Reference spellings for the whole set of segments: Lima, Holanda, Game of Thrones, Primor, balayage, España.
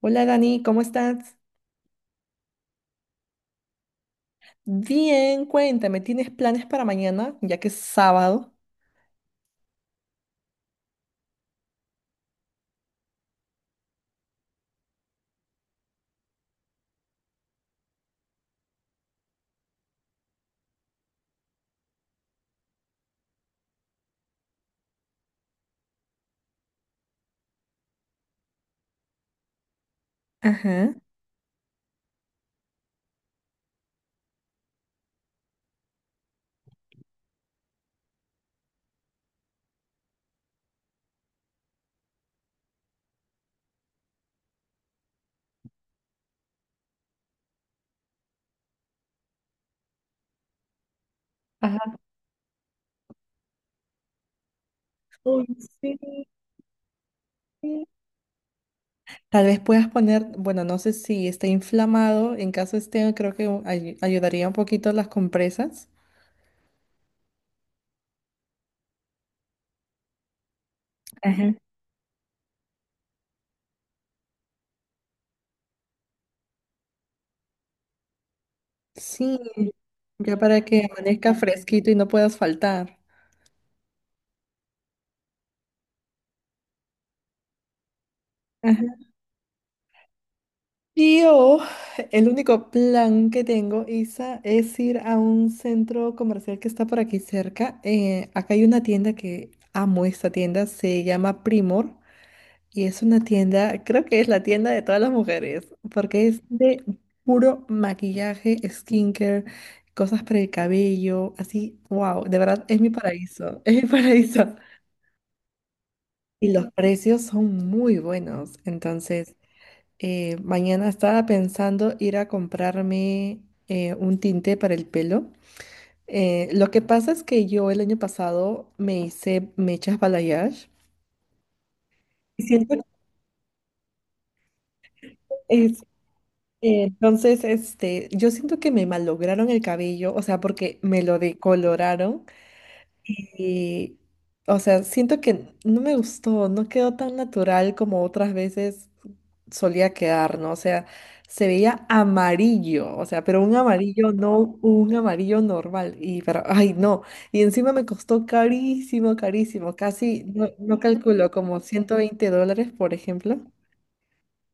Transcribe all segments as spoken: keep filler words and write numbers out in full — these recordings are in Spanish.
Hola Dani, ¿cómo estás? Bien, cuéntame, ¿tienes planes para mañana, ya que es sábado? Ajá. Ajá. Uy, sí. Tal vez puedas poner, bueno, no sé si está inflamado, en caso esté, creo que ay- ayudaría un poquito las compresas. Ajá. Sí, ya para que amanezca fresquito y no puedas faltar. Yo, el único plan que tengo, Isa, es ir a un centro comercial que está por aquí cerca. Eh, acá hay una tienda que amo esta tienda, se llama Primor y es una tienda, creo que es la tienda de todas las mujeres, porque es de puro maquillaje, skincare, cosas para el cabello, así, wow, de verdad es mi paraíso, es mi paraíso. Y los precios son muy buenos, entonces. Eh, mañana estaba pensando ir a comprarme eh, un tinte para el pelo. Eh, lo que pasa es que yo el año pasado me hice mechas balayage y siento que es, eh, entonces este, yo siento que me malograron el cabello, o sea, porque me lo decoloraron. Y, o sea, siento que no me gustó, no quedó tan natural como otras veces solía quedar, ¿no? O sea, se veía amarillo, o sea, pero un amarillo no un amarillo normal. Y, pero, ay, no. Y encima me costó carísimo, carísimo, casi, no, no calculo, como ciento veinte dólares, por ejemplo.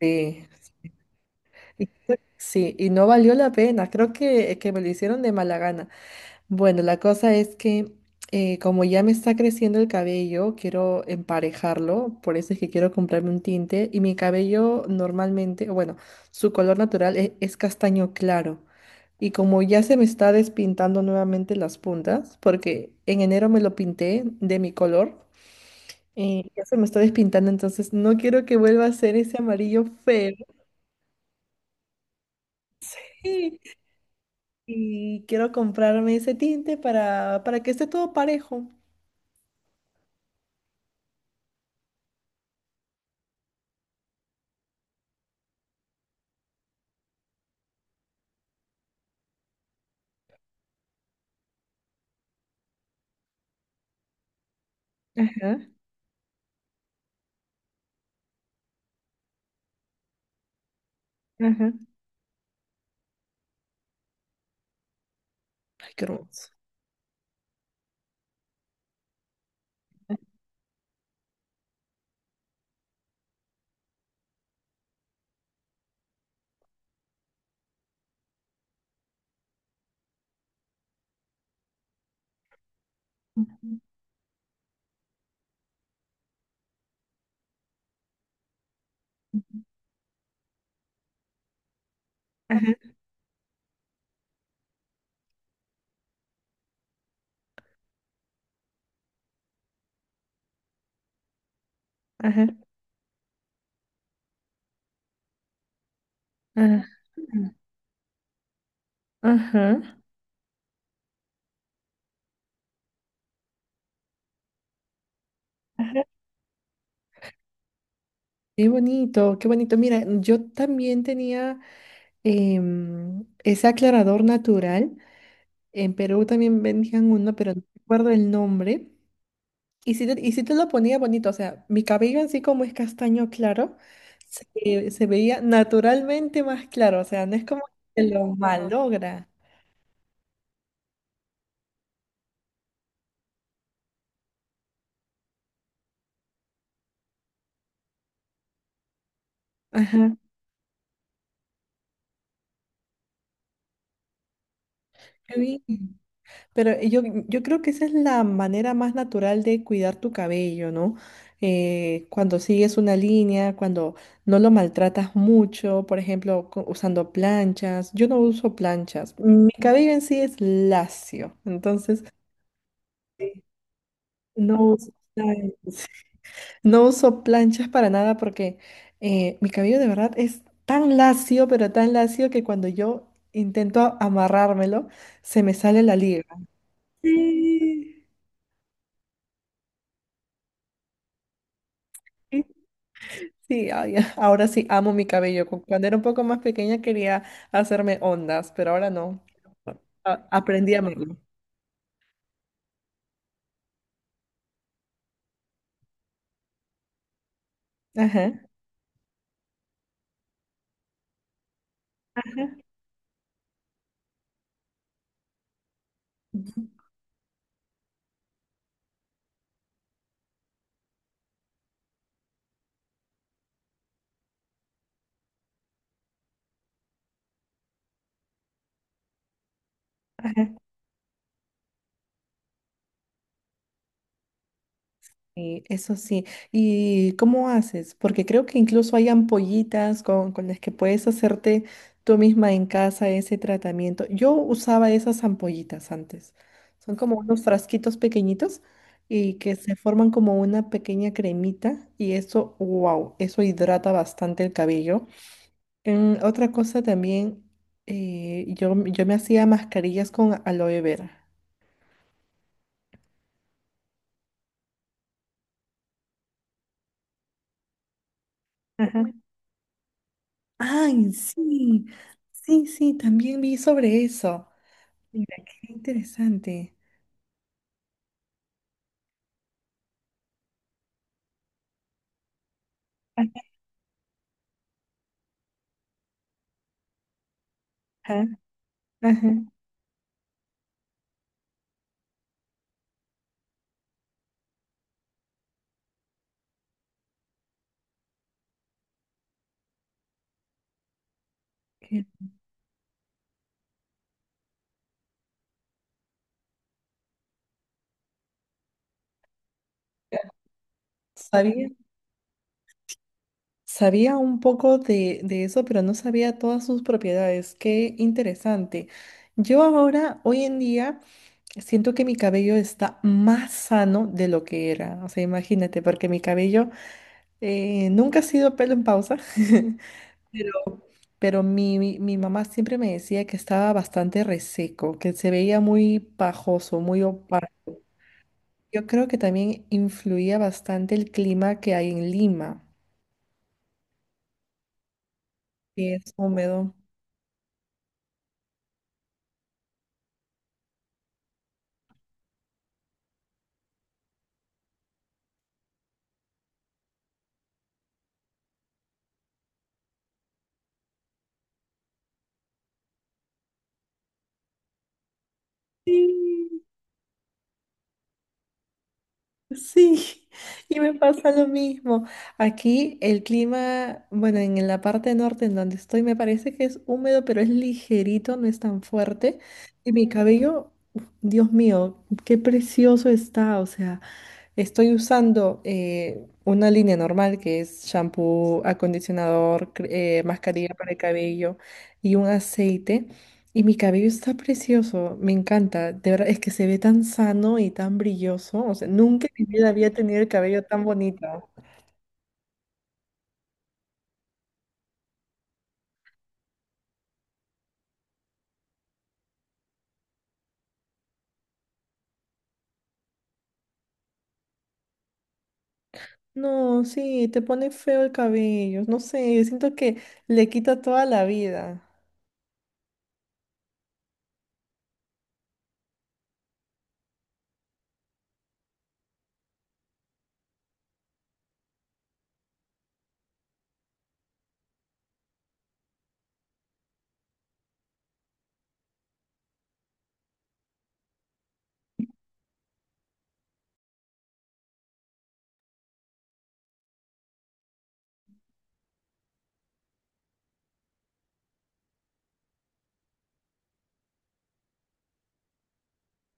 Sí. Y- Sí, y no valió la pena, creo que, que me lo hicieron de mala gana. Bueno, la cosa es que eh, como ya me está creciendo el cabello, quiero emparejarlo, por eso es que quiero comprarme un tinte y mi cabello normalmente, bueno, su color natural e- es, castaño claro. Y como ya se me está despintando nuevamente las puntas, porque en enero me lo pinté de mi color, eh, ya se me está despintando, entonces no quiero que vuelva a ser ese amarillo feo. Sí, y quiero comprarme ese tinte para, para que esté todo parejo. Ajá, ajá. Qué hermoso. Ajá, ajá, ajá, ajá, ajá. Qué bonito, qué bonito. Mira, yo también tenía em, ese aclarador natural. En Perú también vendían uno, pero no recuerdo el nombre. Y si te, y sí te lo ponía bonito, o sea, mi cabello en sí como es castaño claro, se, se veía naturalmente más claro, o sea, no es como que lo malogra. Ajá, qué bien. Pero eh, yo, mm, yo creo que esa es la manera más natural de cuidar tu cabello, ¿no? Eh, cuando sigues una línea, cuando no lo maltratas mucho, por ejemplo, co- usando planchas. Yo no uso planchas. Mm, Mi cabello en sí es lacio, entonces. Sí. No uso planchas. No uso planchas para nada porque eh, mi cabello de verdad es tan lacio, pero tan lacio que cuando yo intento amarrármelo, se me sale la liga. Sí. Sí, ay, ahora sí amo mi cabello. Cu- Cuando era un poco más pequeña quería hacerme ondas, pero ahora no. A- aprendí a amarlo. Ajá, ajá, ajá. Sí, eso sí. ¿Y cómo haces? Porque creo que incluso hay ampollitas con, con las que puedes hacerte tú misma en casa ese tratamiento. Yo usaba esas ampollitas antes. Son como unos frasquitos pequeñitos y que se forman como una pequeña cremita y eso, wow, eso hidrata bastante el cabello. En otra cosa también, eh, yo, yo me hacía mascarillas con aloe vera. Ajá. Ay, sí, sí, sí, también vi sobre eso. Mira, qué interesante. Ajá. Ajá. qué- Sabía, sabía un poco de, de eso, pero no sabía todas sus propiedades. Qué interesante. Yo ahora, hoy en día, siento que mi cabello está más sano de lo que era. O sea, imagínate, porque mi cabello Eh, nunca ha sido pelo en pausa, pero, pero mi, mi- mi mamá siempre me decía que estaba bastante reseco, que se veía muy pajoso, muy opaco. Yo creo que también influía bastante el clima que hay en Lima, que es húmedo. Sí. Sí, y me pasa lo mismo. Aquí el clima, bueno, en la parte norte en donde estoy me parece que es húmedo, pero es ligerito, no es tan fuerte. Y mi cabello, uf, Dios mío, qué precioso está. O sea, estoy usando eh, una línea normal que es shampoo, acondicionador, cre- eh, mascarilla para el cabello y un aceite. Y mi cabello está precioso, me encanta. De verdad, es que se ve tan sano y tan brilloso. O sea, nunca en mi vida había tenido el cabello tan bonito. No, sí, te pone feo el cabello. No sé, siento que le quita toda la vida.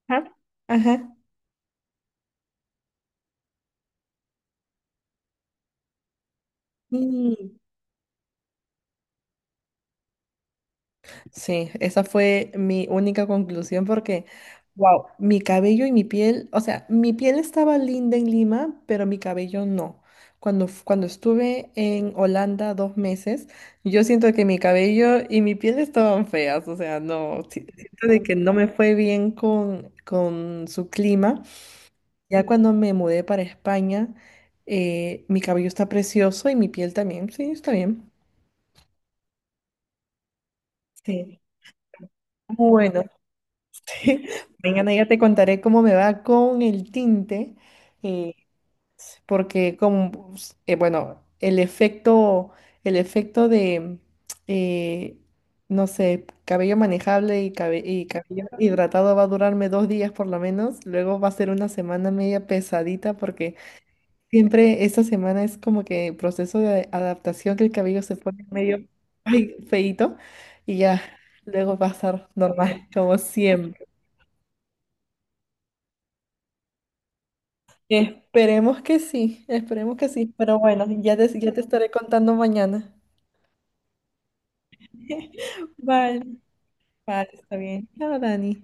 Ajá. Ajá. Sí. Sí, esa fue mi única conclusión porque, wow, mi cabello y mi piel, o sea, mi piel estaba linda en Lima, pero mi cabello no. Cuando, f- cuando estuve en Holanda dos meses, yo siento que mi cabello y mi piel estaban feas, o sea, no, si- siento de que no me fue bien con, con su clima. Ya cuando me mudé para España, eh, mi cabello está precioso y mi piel también, sí, está bien. Sí. Bueno, mañana ya te contaré cómo me va con el tinte, eh, porque como, eh, bueno, el efecto, el efecto de, eh, no sé, cabello manejable y, cabe- y cabello hidratado va a durarme dos días por lo menos, luego va a ser una semana media pesadita porque siempre esta semana es como que proceso de adaptación que el cabello se pone medio, ay, feíto y ya, luego va a estar normal como siempre. Esperemos que sí, esperemos que sí, pero bueno, ya te, ya te estaré contando mañana. Vale, vale, está bien. Chao, Dani.